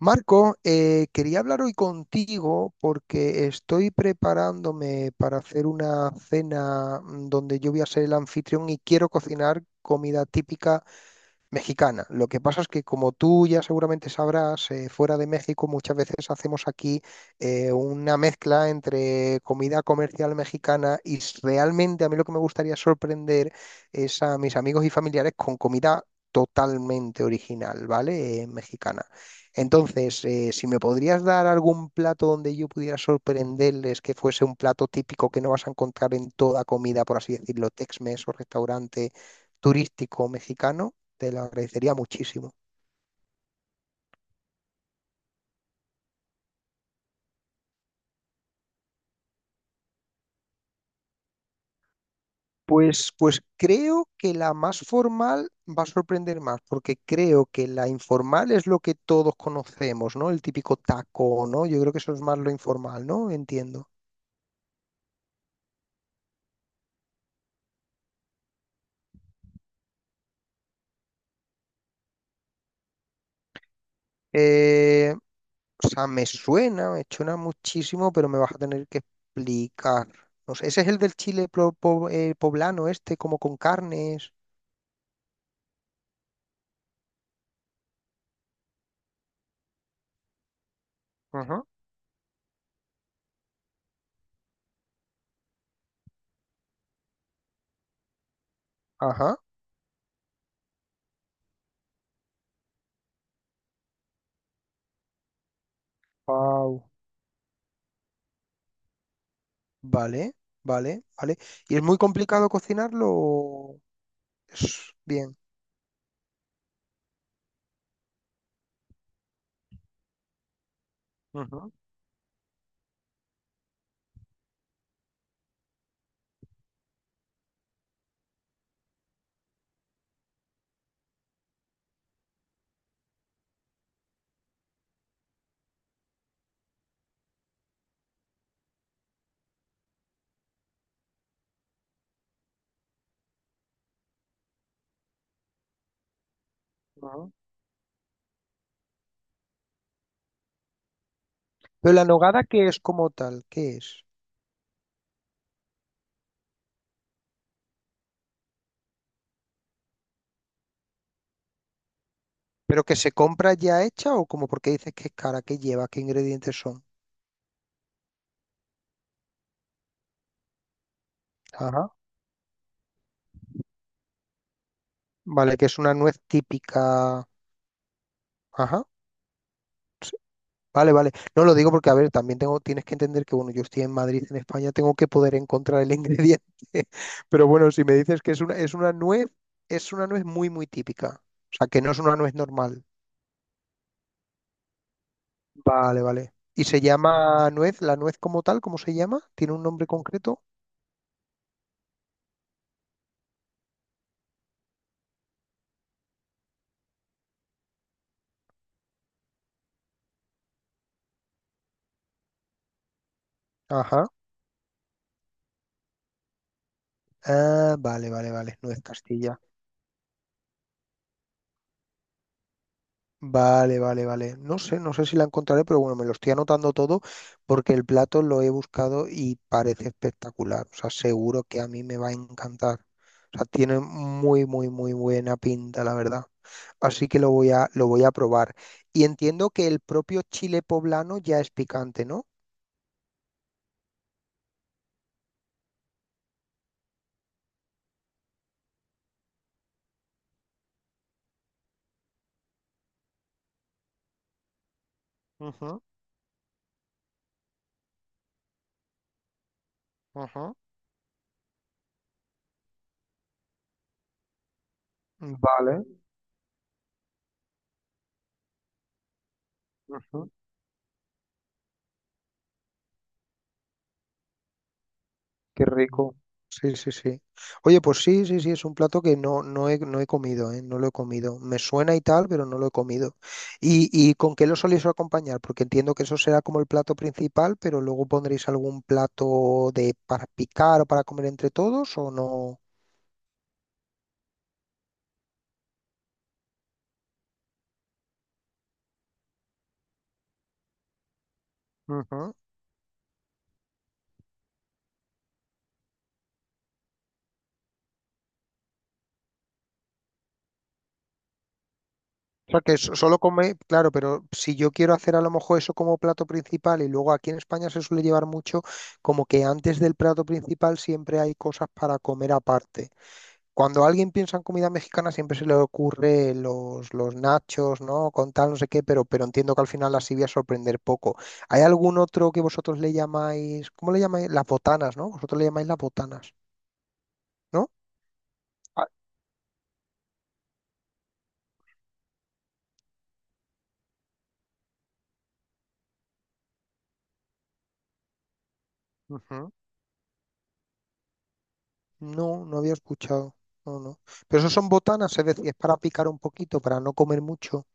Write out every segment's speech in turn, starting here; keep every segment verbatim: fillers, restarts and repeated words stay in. Marco, eh, quería hablar hoy contigo porque estoy preparándome para hacer una cena mm, donde yo voy a ser el anfitrión y quiero cocinar comida típica mexicana. Lo que pasa es que, como tú ya seguramente sabrás, eh, fuera de México muchas veces hacemos aquí eh, una mezcla entre comida comercial mexicana y s- realmente a mí lo que me gustaría sorprender es a mis amigos y familiares con comida totalmente original, ¿vale? Eh, mexicana. Entonces, eh, si me podrías dar algún plato donde yo pudiera sorprenderles que fuese un plato típico que no vas a encontrar en toda comida, por así decirlo, Tex-Mex o restaurante turístico mexicano. Te lo agradecería muchísimo. Pues, pues creo que la más formal va a sorprender más, porque creo que la informal es lo que todos conocemos, ¿no? El típico taco, ¿no? Yo creo que eso es más lo informal, ¿no? Entiendo. Eh, o sea, me suena, me suena muchísimo, pero me vas a tener que explicar. No sé, ese es el del chile pro- po- eh, poblano, este, como con carnes. Ajá. Ajá. Wow. Vale, vale, vale. ¿Y es muy complicado cocinarlo? O es bien. Ujú, ujú. Pero la nogada, ¿qué es como tal? ¿Qué es? ¿Pero que se compra ya hecha o como porque dices que es cara? ¿Qué lleva? ¿Qué ingredientes son? Ajá. Vale, que es una nuez típica. Ajá. Sí, vale, vale. No lo digo porque, a ver, también tengo, tienes que entender que, bueno, yo estoy en Madrid, en España, tengo que poder encontrar el ingrediente. Pero bueno, si me dices que es una, es una nuez, es una nuez muy, muy típica. O sea, que no es una nuez normal. Vale, vale. ¿Y se llama nuez? ¿La nuez como tal? ¿Cómo se llama? ¿Tiene un nombre concreto? Ajá. Ah, vale, vale, vale. No es Castilla. Vale, vale, vale. No sé, no sé si la encontraré, pero bueno, me lo estoy anotando todo porque el plato lo he buscado y parece espectacular. O sea, seguro que a mí me va a encantar. O sea, tiene muy, muy, muy buena pinta, la verdad. Así que lo voy a, lo voy a probar. Y entiendo que el propio chile poblano ya es picante, ¿no? Ujú, ujú. Vale. Ujú. Qué rico. Sí, sí, sí. Oye, pues sí, sí, sí, es un plato que no, no he, no he comido, ¿eh? No lo he comido. Me suena y tal, pero no lo he comido. ¿Y, y con qué lo soléis acompañar? Porque entiendo que eso será como el plato principal, pero luego pondréis algún plato de para picar o para comer entre todos o no. Ujú. O sea, que so- solo come, claro, pero si yo quiero hacer a lo mejor eso como plato principal y luego aquí en España se suele llevar mucho, como que antes del plato principal siempre hay cosas para comer aparte. Cuando alguien piensa en comida mexicana siempre se le ocurre los, los nachos, ¿no? Con tal, no sé qué, pero, pero entiendo que al final las iba a sorprender poco. ¿Hay algún otro que vosotros le llamáis, ¿cómo le llamáis? Las botanas, ¿no? Vosotros le llamáis las botanas, ¿no? Ah, ujú. No, no había escuchado. No, no. Pero eso son botanas, es decir, es para picar un poquito, para no comer mucho.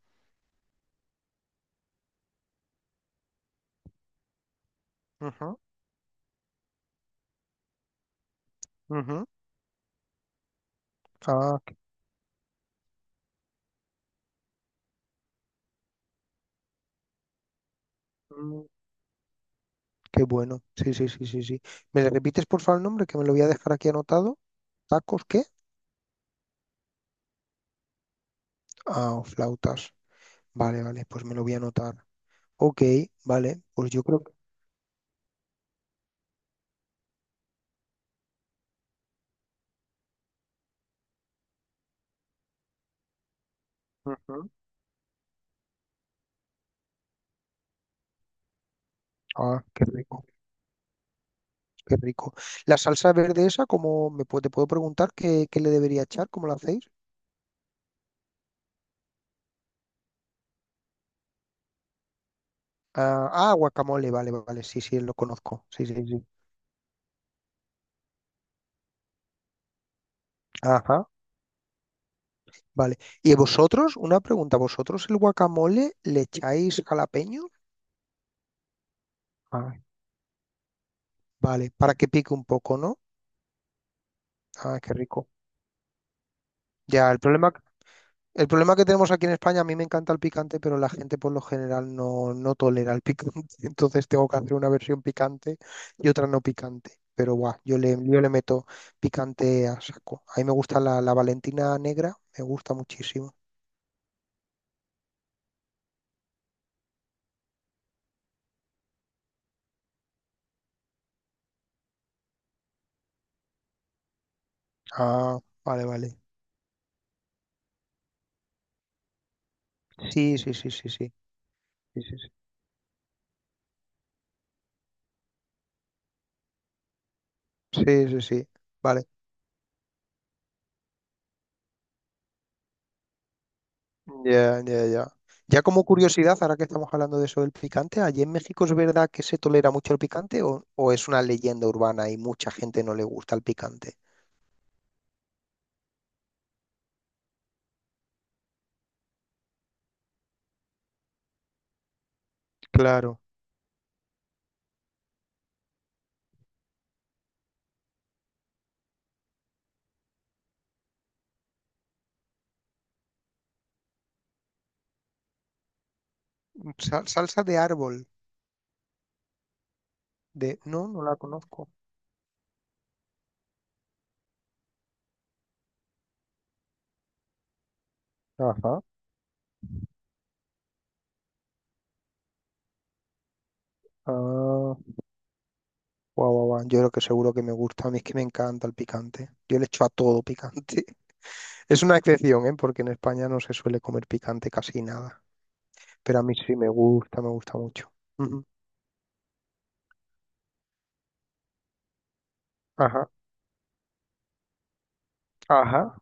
Ujú, ujú. Ah, qué mm, qué bueno. Sí, sí, sí, sí, sí. ¿Me repites por favor el nombre que me lo voy a dejar aquí anotado? ¿Tacos qué? Ah, o flautas. Vale, vale, pues me lo voy a anotar. Ok, vale, pues yo creo que... Ujú. Ah, qué rico, qué rico. La salsa verde esa, ¿cómo me puedo, te puedo preguntar qué, qué le debería echar? ¿Cómo la hacéis? Ah, ah, guacamole, vale, vale, sí, sí, lo conozco. Sí, sí, sí. Ajá, vale. ¿Y vosotros? Una pregunta, ¿vosotros el guacamole le echáis jalapeño? Ah, vale, para que pique un poco, ¿no? Ah, qué rico. Ya, el problema El problema que tenemos aquí en España, a mí me encanta el picante, pero la gente por lo general no, no tolera el picante. Entonces tengo que hacer una versión picante y otra no picante. Pero guau, yo le, yo le meto picante a saco. A mí me gusta la, la Valentina negra, me gusta muchísimo. Ah, vale, vale. Sí, sí, sí, sí, sí. Sí, sí, sí. Sí, sí, sí. Vale. Ya, ya, ya. Ya como curiosidad, ahora que estamos hablando de eso del picante, ¿allí en México es verdad que se tolera mucho el picante o, o es una leyenda urbana y mucha gente no le gusta el picante? Claro. Sal- salsa de árbol, de... No, no la conozco. Ajá. Ah, guau, guau, guau. Yo creo que seguro que me gusta, a mí es que me encanta el picante. Yo le echo a todo picante. Es una excepción, ¿eh? Porque en España no se suele comer picante casi nada. Pero a mí sí me gusta, me gusta mucho. Ujú. Ajá, ajá.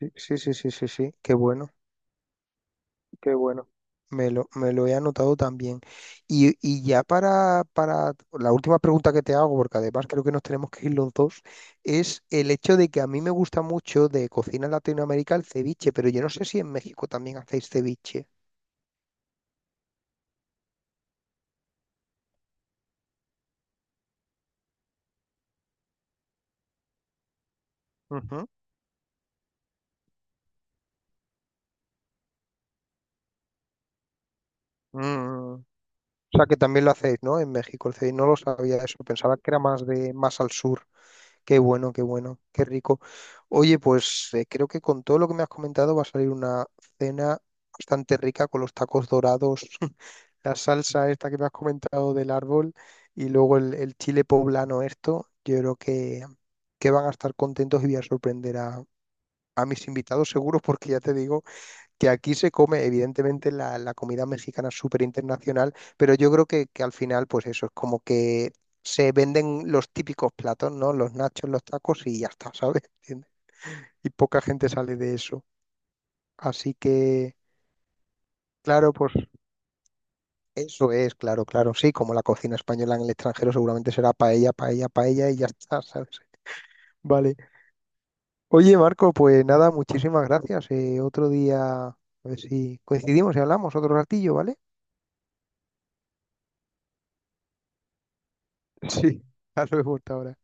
Sí, sí, sí, sí, sí, sí, qué bueno, qué bueno. Me lo, me lo he anotado también. Y, y ya para, para la última pregunta que te hago, porque además creo que nos tenemos que ir los dos, es el hecho de que a mí me gusta mucho de cocina latinoamericana el ceviche, pero yo no sé si en México también hacéis ceviche. Ujú. Mm. O sea que también lo hacéis, ¿no? En México el ceviche, no lo sabía eso, pensaba que era más de más al sur. Qué bueno, qué bueno, qué rico. Oye, pues eh, creo que con todo lo que me has comentado va a salir una cena bastante rica con los tacos dorados, la salsa esta que me has comentado del árbol y luego el, el chile poblano esto. Yo creo que, que van a estar contentos y voy a sorprender a, a mis invitados seguros porque ya te digo que aquí se come, evidentemente, la, la comida mexicana es súper internacional, pero yo creo que, que al final, pues eso, es como que se venden los típicos platos, ¿no? Los nachos, los tacos y ya está, ¿sabes? ¿Entiendes? Y poca gente sale de eso. Así que, claro, pues eso es, claro, claro, sí, como la cocina española en el extranjero seguramente será paella, paella, paella y ya está, ¿sabes? Vale. Oye, Marco, pues nada, muchísimas gracias. Eh, otro día, a ver si coincidimos y hablamos otro ratillo, ¿vale? Sí. Hasta luego, hasta ahora.